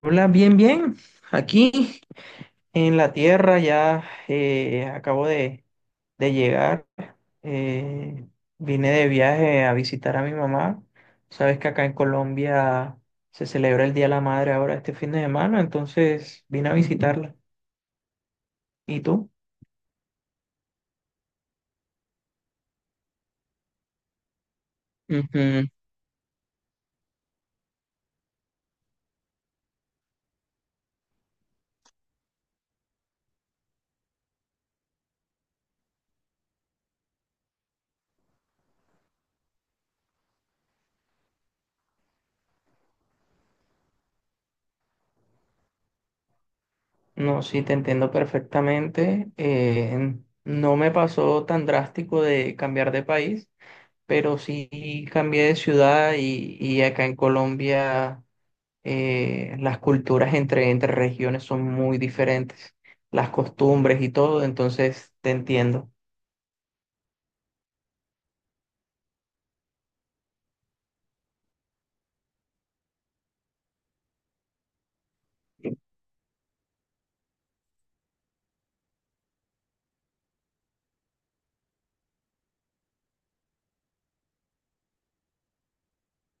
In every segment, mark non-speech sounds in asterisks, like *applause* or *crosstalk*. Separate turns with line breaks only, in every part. Hola, bien, bien. Aquí en la tierra ya acabo de llegar. eh, Vine de viaje a visitar a mi mamá. Sabes que acá en Colombia se celebra el Día de la Madre ahora este fin de semana, entonces vine a visitarla. ¿Y tú? Ujú. No, sí, te entiendo perfectamente. No me pasó tan drástico de cambiar de país, pero sí cambié de ciudad y acá en Colombia. Las culturas entre regiones son muy diferentes, las costumbres y todo, entonces te entiendo.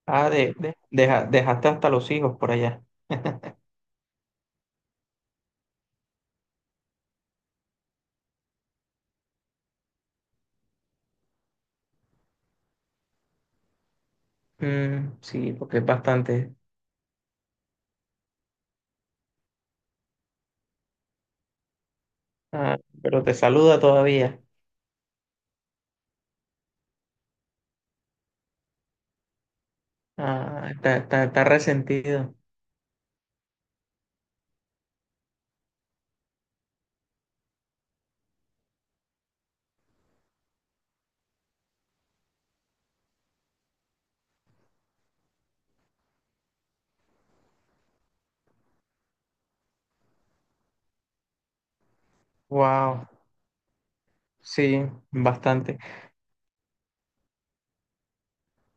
Ah, dejaste hasta los hijos por allá. *laughs* Mm, sí, porque es bastante. Ah, pero te saluda todavía. Ah, está resentido. Wow, sí, bastante.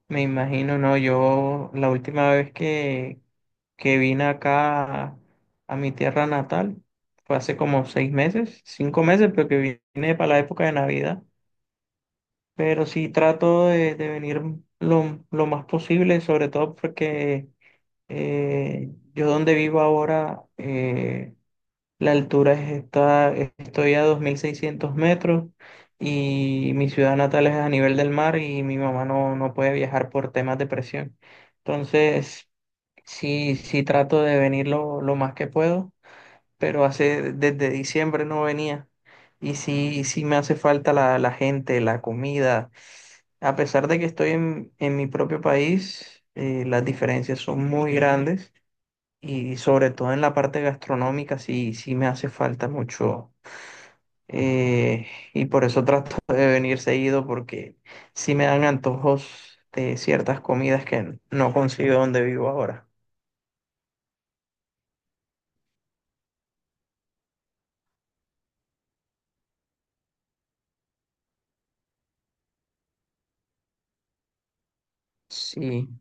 Me imagino, no, yo la última vez que vine acá a mi tierra natal fue hace como 6 meses, 5 meses, pero que vine para la época de Navidad. Pero sí trato de venir lo más posible, sobre todo porque yo donde vivo ahora, la altura estoy a 2.600 metros y mi ciudad natal es a nivel del mar y mi mamá no, no puede viajar por temas de presión. Entonces, sí, sí trato de venir lo más que puedo, pero hace, desde diciembre no venía. Y sí, sí me hace falta la, la gente, la comida. A pesar de que estoy en mi propio país, las diferencias son muy grandes y sobre todo en la parte gastronómica sí, sí me hace falta mucho eh, y por eso trato *laughs* de venir seguido porque sí me dan antojos de ciertas comidas que no consigo donde vivo ahora. Sí,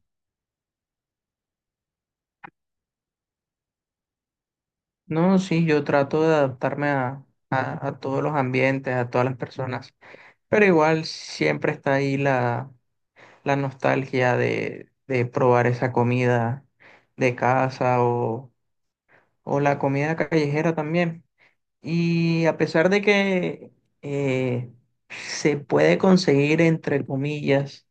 no, sí, yo trato de adaptarme a todos los ambientes, a todas las personas, pero igual siempre está ahí la, la nostalgia de probar esa comida de casa o la comida callejera también. Y a pesar de que eh, se puede conseguir, entre comillas,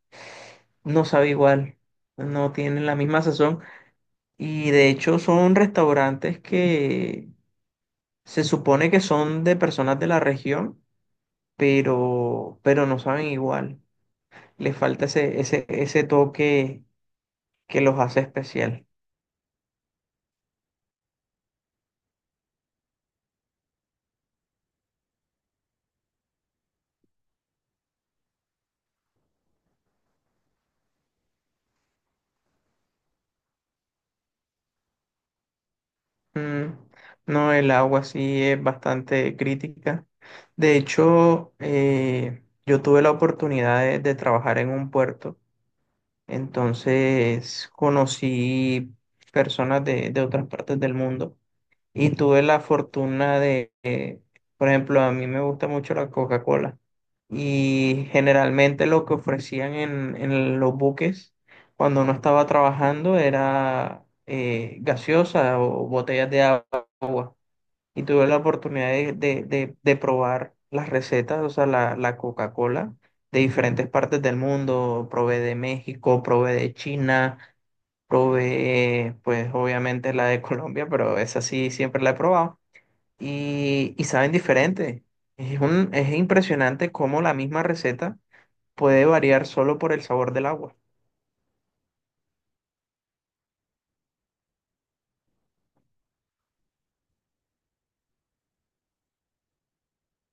no sabe igual, no tienen la misma sazón. Y de hecho son restaurantes que se supone que son de personas de la región, pero no saben igual. Les falta ese toque que los hace especial. Mm, no, el agua sí es bastante crítica. De hecho, yo tuve la oportunidad de trabajar en un puerto, entonces conocí personas de otras partes del mundo. Y tuve la fortuna de, por ejemplo, a mí me gusta mucho la Coca-Cola. Y generalmente lo que ofrecían en los buques cuando uno estaba trabajando era gaseosa o botellas de agua. Y tuve la oportunidad de, de probar las recetas, o sea, la, la Coca-Cola de diferentes partes del mundo. Probé de México, probé de China, probé, pues obviamente la de *laughs* Colombia, pero esa sí siempre la he probado y saben diferente. Es es impresionante cómo la misma receta puede variar solo por el sabor del agua.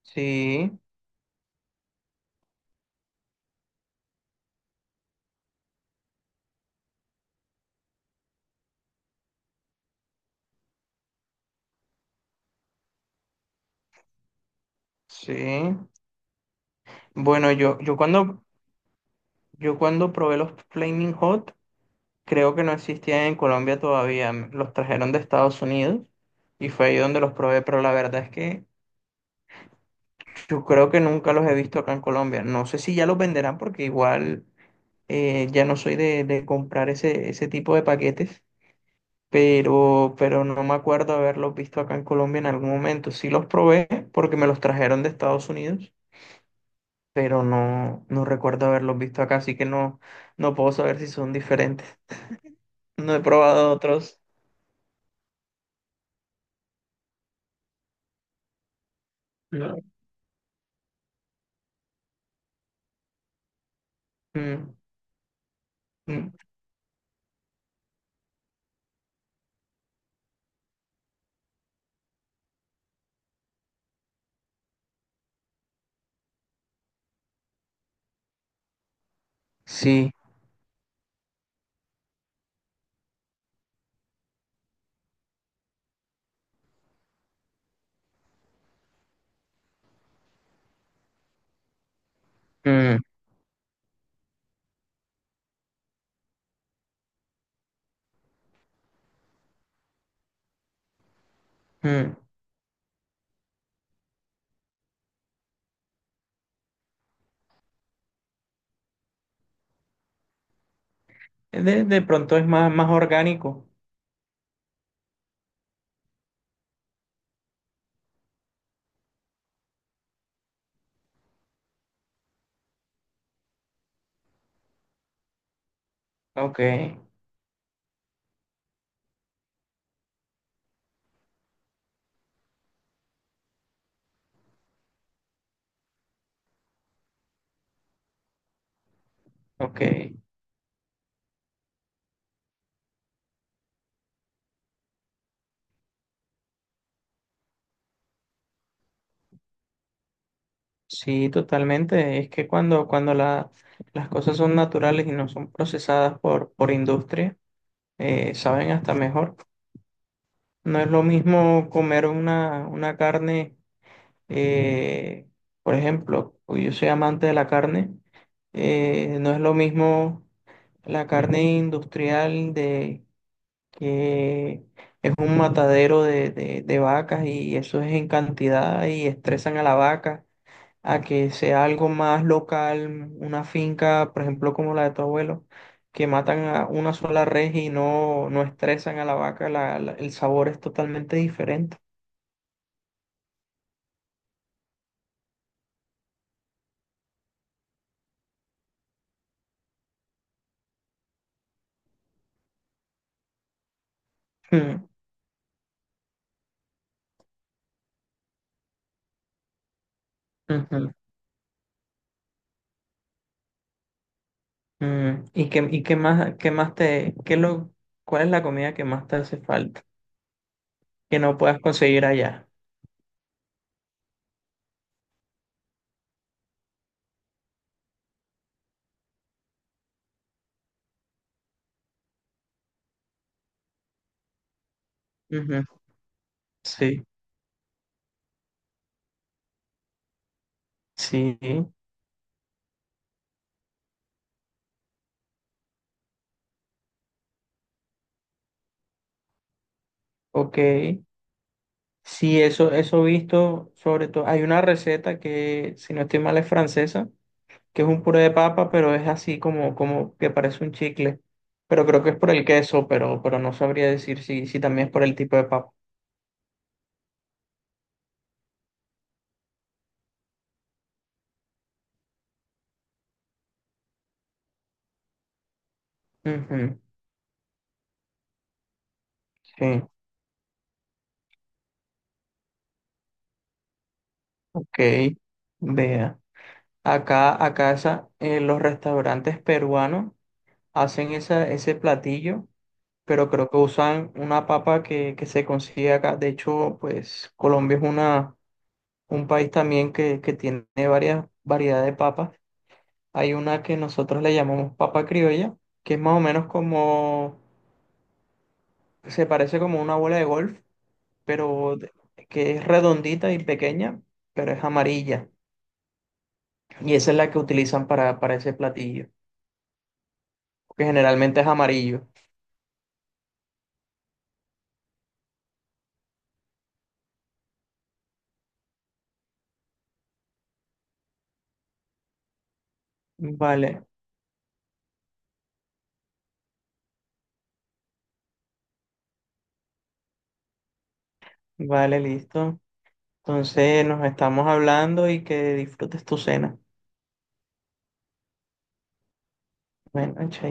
Sí, sí. Bueno, yo cuando probé los Flaming Hot, creo que no existían en Colombia todavía. Los trajeron de Estados Unidos y fue ahí donde los probé, pero la verdad es que yo creo que nunca los he visto acá en Colombia. No sé si ya los venderán porque igual ya no soy de comprar ese tipo de paquetes. Pero no me acuerdo haberlos visto acá en Colombia en algún momento. Sí los probé porque me los trajeron de Estados Unidos, pero no, no recuerdo haberlos visto acá, así que no, no puedo saber si son diferentes. No he probado otros. No. Mm, mm, sí. Mm, mm. De pronto es más, más orgánico. Ok, ok. Sí, totalmente. Es que cuando las cosas son naturales y no son procesadas por industria, saben hasta mejor. No es lo mismo comer una carne, eh, por ejemplo, pues yo soy amante de la carne, no es lo mismo la carne industrial de que es un matadero de, de vacas y eso es en cantidad y estresan a la vaca, a que sea algo más local, una finca, por ejemplo, como la de tu abuelo, que matan a una sola res y no, no estresan a la vaca, el sabor es totalmente diferente. Mm, ujú, mm. Y qué más, cuál es la comida que más te hace falta, que no puedas conseguir allá? Ujú, sí, sí, ok. Sí, eso he visto, sobre todo, hay una receta que, si no estoy mal, es francesa, que es un puré de papa, pero es así como, como que parece un chicle. Pero creo que es por el queso, pero no sabría decir si, si también es por el tipo de papa. Ujú, sí, ok, vea. Acá los restaurantes peruanos hacen esa, ese platillo, pero creo que usan una papa que se consigue acá. De hecho, pues Colombia es una, un país también que tiene varias variedades de papas. Hay una que nosotros le llamamos papa criolla, que es más o menos como, se parece como una bola de golf, pero de- que es redondita y pequeña, pero es amarilla. Y esa es la que utilizan para ese platillo, que generalmente es amarillo. Vale, vale, listo. Entonces nos estamos hablando y que disfrutes tu cena. Bueno, chao.